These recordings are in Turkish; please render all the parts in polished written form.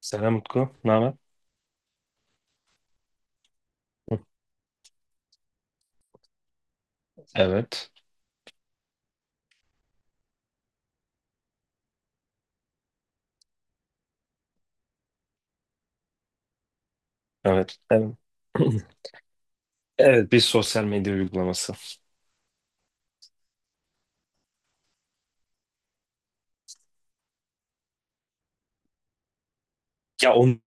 Selam Utku. Ne haber? Hı. Evet. Evet. Evet. Evet, bir sosyal medya uygulaması. Ya onu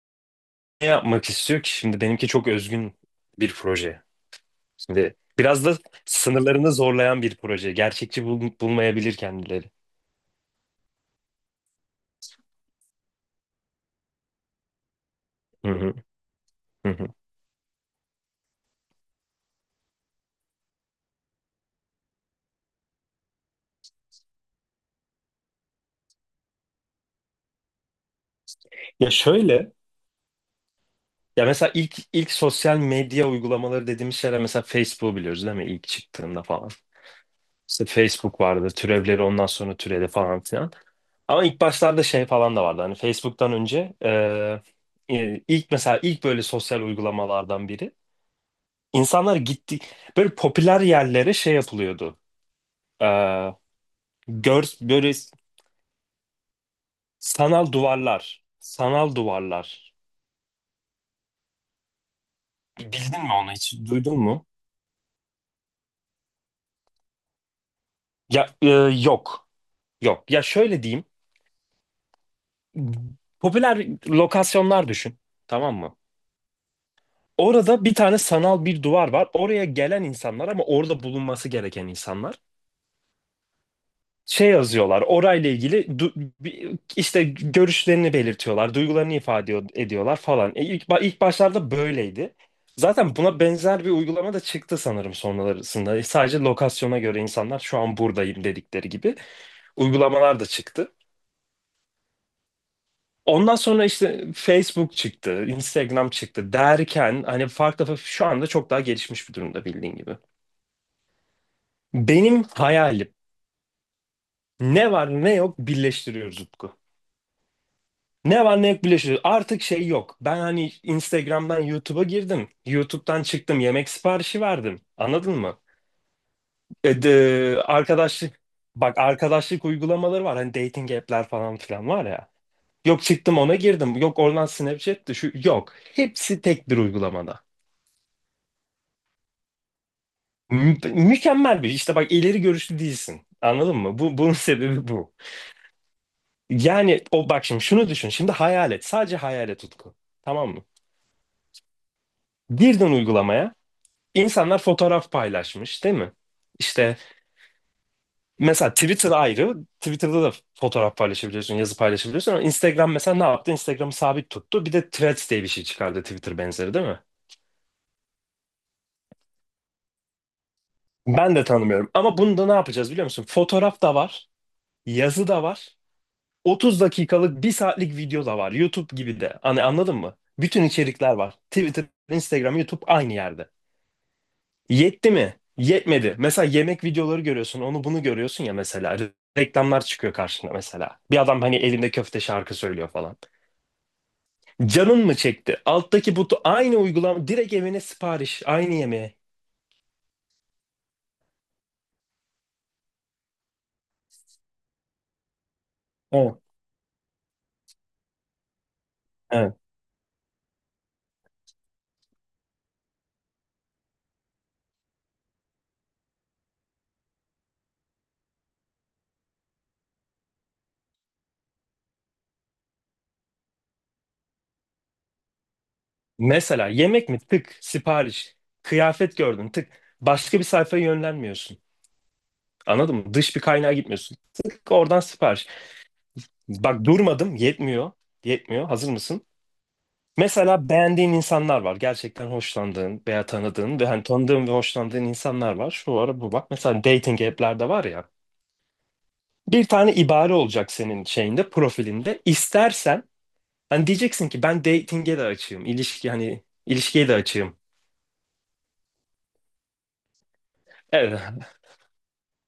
ne yapmak istiyor ki? Şimdi benimki çok özgün bir proje. Şimdi biraz da sınırlarını zorlayan bir proje. Gerçekçi bulmayabilir kendileri. Hı hı, hı hı. Ya şöyle, ya mesela ilk sosyal medya uygulamaları dediğimiz şeyler, mesela Facebook'u biliyoruz değil mi? İlk çıktığında falan. İşte Facebook vardı, türevleri ondan sonra türedi falan filan. Ama ilk başlarda şey falan da vardı. Hani Facebook'tan önce ilk mesela ilk böyle sosyal uygulamalardan biri. İnsanlar gitti böyle popüler yerlere şey yapılıyordu. E, gör böyle sanal duvarlar, sanal duvarlar. Bildin mi onu hiç? Duydun mu? Ya e, yok. Yok. Ya şöyle diyeyim. Popüler lokasyonlar düşün. Tamam mı? Orada bir tane sanal bir duvar var. Oraya gelen insanlar ama orada bulunması gereken insanlar. Şey yazıyorlar orayla ilgili işte görüşlerini belirtiyorlar, duygularını ifade ediyorlar falan. İlk başlarda böyleydi zaten. Buna benzer bir uygulama da çıktı sanırım sonrasında. Sadece lokasyona göre insanlar şu an buradayım dedikleri gibi uygulamalar da çıktı. Ondan sonra işte Facebook çıktı, Instagram çıktı derken hani şu anda çok daha gelişmiş bir durumda bildiğin gibi. Benim hayalim, ne var ne yok birleştiriyoruz Utku. Ne var ne yok birleşiyor. Artık şey yok. Ben hani Instagram'dan YouTube'a girdim. YouTube'dan çıktım. Yemek siparişi verdim. Anladın mı? Arkadaşlık, bak arkadaşlık uygulamaları var. Hani dating app'ler falan filan var ya. Yok çıktım ona girdim. Yok oradan Snapchat'ti şu yok. Hepsi tek bir uygulamada. Mükemmel bir işte bak, ileri görüşlü değilsin. Anladın mı? Bunun sebebi bu. Yani o bak, şimdi şunu düşün. Şimdi hayal et. Sadece hayal et Utku. Tamam mı? Girdin uygulamaya. İnsanlar fotoğraf paylaşmış, değil mi? İşte mesela Twitter ayrı. Twitter'da da fotoğraf paylaşabiliyorsun, yazı paylaşabiliyorsun ama Instagram mesela ne yaptı? Instagram'ı sabit tuttu. Bir de Threads diye bir şey çıkardı, Twitter benzeri, değil mi? Ben de tanımıyorum. Ama bunda ne yapacağız biliyor musun? Fotoğraf da var, yazı da var. 30 dakikalık, bir saatlik video da var. YouTube gibi de. Hani anladın mı? Bütün içerikler var. Twitter, Instagram, YouTube aynı yerde. Yetti mi? Yetmedi. Mesela yemek videoları görüyorsun, onu bunu görüyorsun ya mesela. Reklamlar çıkıyor karşına mesela. Bir adam hani elinde köfte şarkı söylüyor falan. Canın mı çekti? Alttaki butu aynı uygulama, direkt evine sipariş, aynı yemeğe. Evet, evet. Mesela yemek mi? Tık, sipariş. Kıyafet gördün, tık. Başka bir sayfaya yönlenmiyorsun. Anladın mı? Dış bir kaynağa gitmiyorsun. Tık, oradan sipariş. Bak durmadım, yetmiyor. Yetmiyor. Hazır mısın? Mesela beğendiğin insanlar var. Gerçekten hoşlandığın veya tanıdığın ve hani tanıdığın ve hoşlandığın insanlar var. Şu ara bu bak. Mesela dating app'lerde var ya. Bir tane ibare olacak senin şeyinde, profilinde. İstersen hani diyeceksin ki ben dating'e de açığım. İlişki, hani ilişkiye de açığım. Evet.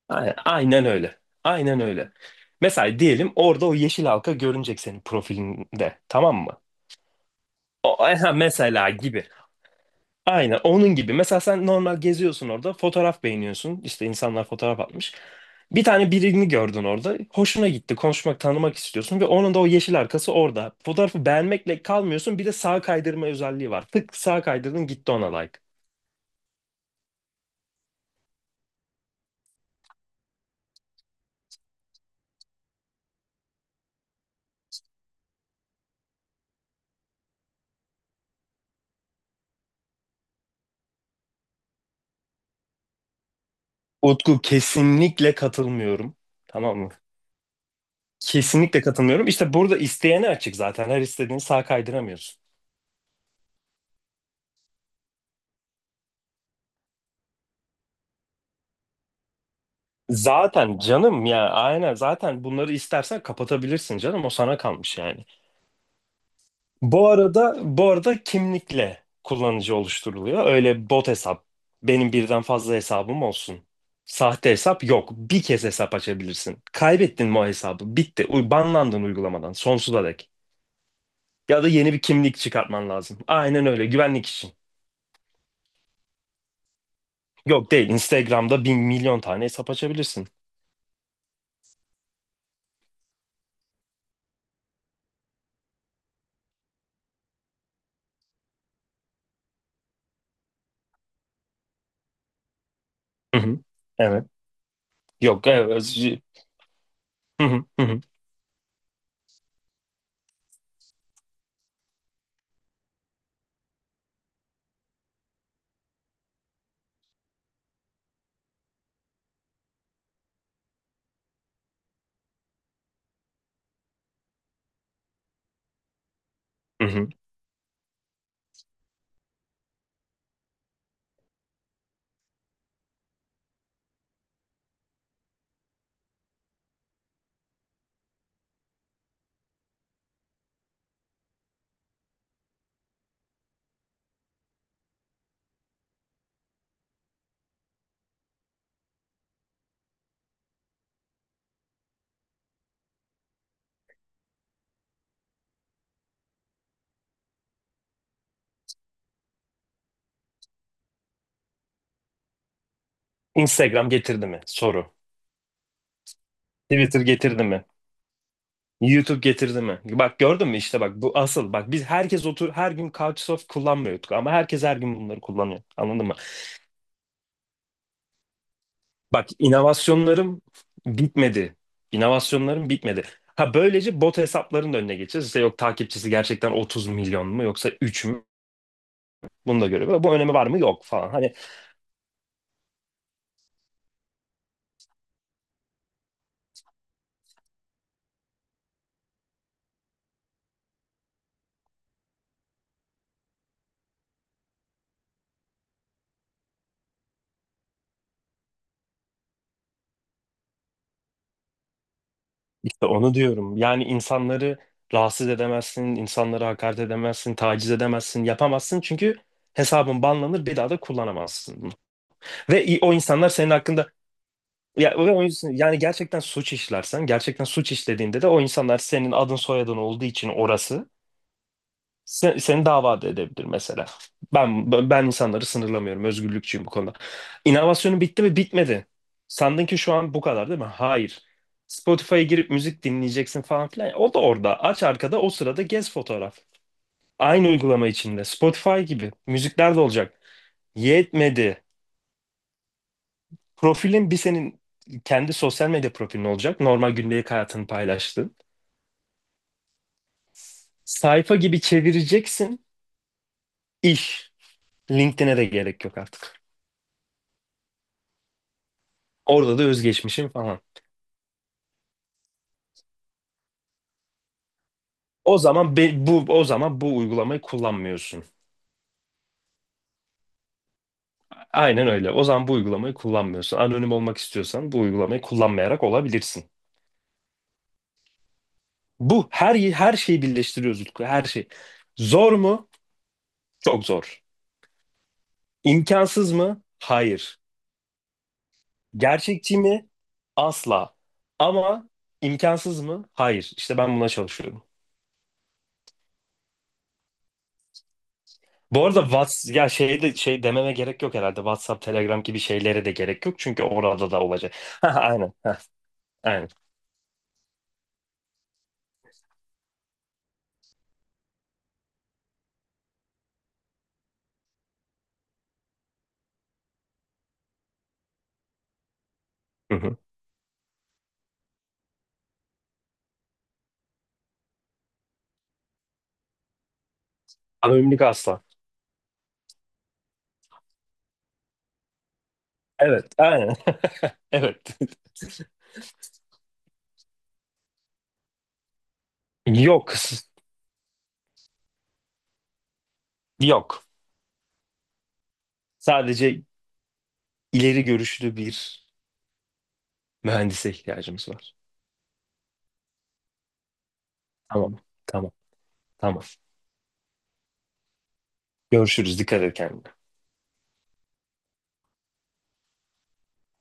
Aynen, aynen öyle. Aynen öyle. Mesela diyelim orada o yeşil halka görünecek senin profilinde. Tamam mı? O, aha, mesela gibi. Aynen onun gibi. Mesela sen normal geziyorsun orada, fotoğraf beğeniyorsun. İşte insanlar fotoğraf atmış. Bir tane birini gördün orada. Hoşuna gitti. Konuşmak, tanımak istiyorsun ve onun da o yeşil arkası orada. Fotoğrafı beğenmekle kalmıyorsun. Bir de sağ kaydırma özelliği var. Tık, sağ kaydırdın, gitti ona like. Utku, kesinlikle katılmıyorum. Tamam mı? Kesinlikle katılmıyorum. İşte burada isteyene açık zaten. Her istediğini sağ kaydıramıyorsun. Zaten canım ya, aynen, zaten bunları istersen kapatabilirsin canım. O sana kalmış yani. Bu arada kimlikle kullanıcı oluşturuluyor. Öyle bot hesap, benim birden fazla hesabım olsun. Sahte hesap yok. Bir kez hesap açabilirsin. Kaybettin mi o hesabı? Bitti. Banlandın uygulamadan sonsuza dek. Ya da yeni bir kimlik çıkartman lazım. Aynen öyle. Güvenlik için. Yok değil. Instagram'da bin milyon tane hesap açabilirsin. Hı hı. Evet. Yok. Evet. Hı hı. Hı hı. Hı hı. Instagram getirdi mi? Soru. Twitter getirdi mi? YouTube getirdi mi? Bak gördün mü işte, bak bu asıl, bak biz herkes otur her gün Couchsurf kullanmıyorduk ama herkes her gün bunları kullanıyor. Anladın mı? Bak, inovasyonlarım bitmedi. İnovasyonlarım bitmedi. Ha, böylece bot hesapların da önüne geçeceğiz. İşte yok takipçisi gerçekten 30 milyon mu yoksa 3 mü? Bunu da görüyor. Bu önemi var mı? Yok falan. Hani işte onu diyorum. Yani insanları rahatsız edemezsin, insanlara hakaret edemezsin, taciz edemezsin, yapamazsın. Çünkü hesabın banlanır, bir daha da kullanamazsın bunu. O insanlar senin hakkında, ya, yani gerçekten suç işlersen, gerçekten suç işlediğinde de o insanlar senin adın soyadın olduğu için orası seni dava da edebilir mesela. Ben insanları sınırlamıyorum, özgürlükçüyüm bu konuda. İnovasyonu bitti mi? Bitmedi. Sandın ki şu an bu kadar, değil mi? Hayır. Spotify'a girip müzik dinleyeceksin falan filan. O da orada. Aç arkada, o sırada gez fotoğraf. Aynı uygulama içinde. Spotify gibi. Müzikler de olacak. Yetmedi. Profilin, bir senin kendi sosyal medya profilin olacak. Normal gündelik hayatını paylaştığın. Sayfa gibi çevireceksin iş. LinkedIn'e de gerek yok artık. Orada da özgeçmişim falan. Bu o zaman, bu uygulamayı kullanmıyorsun. Aynen öyle. O zaman bu uygulamayı kullanmıyorsun. Anonim olmak istiyorsan bu uygulamayı kullanmayarak olabilirsin. Bu, her şeyi birleştiriyoruz Utku. Her şey. Zor mu? Çok zor. İmkansız mı? Hayır. Gerçekçi mi? Asla. Ama imkansız mı? Hayır. İşte ben buna çalışıyorum. Bu arada Whats ya şey de şey dememe gerek yok herhalde. WhatsApp, Telegram gibi şeylere de gerek yok çünkü orada da olacak. Ha, aynen. Ha, aynen. Hı hı. Anonimlik asla. Evet, aynen. Evet. Yok. Yok. Sadece ileri görüşlü bir mühendise ihtiyacımız var. Tamam. Tamam. Tamam. Görüşürüz. Dikkat et kendine.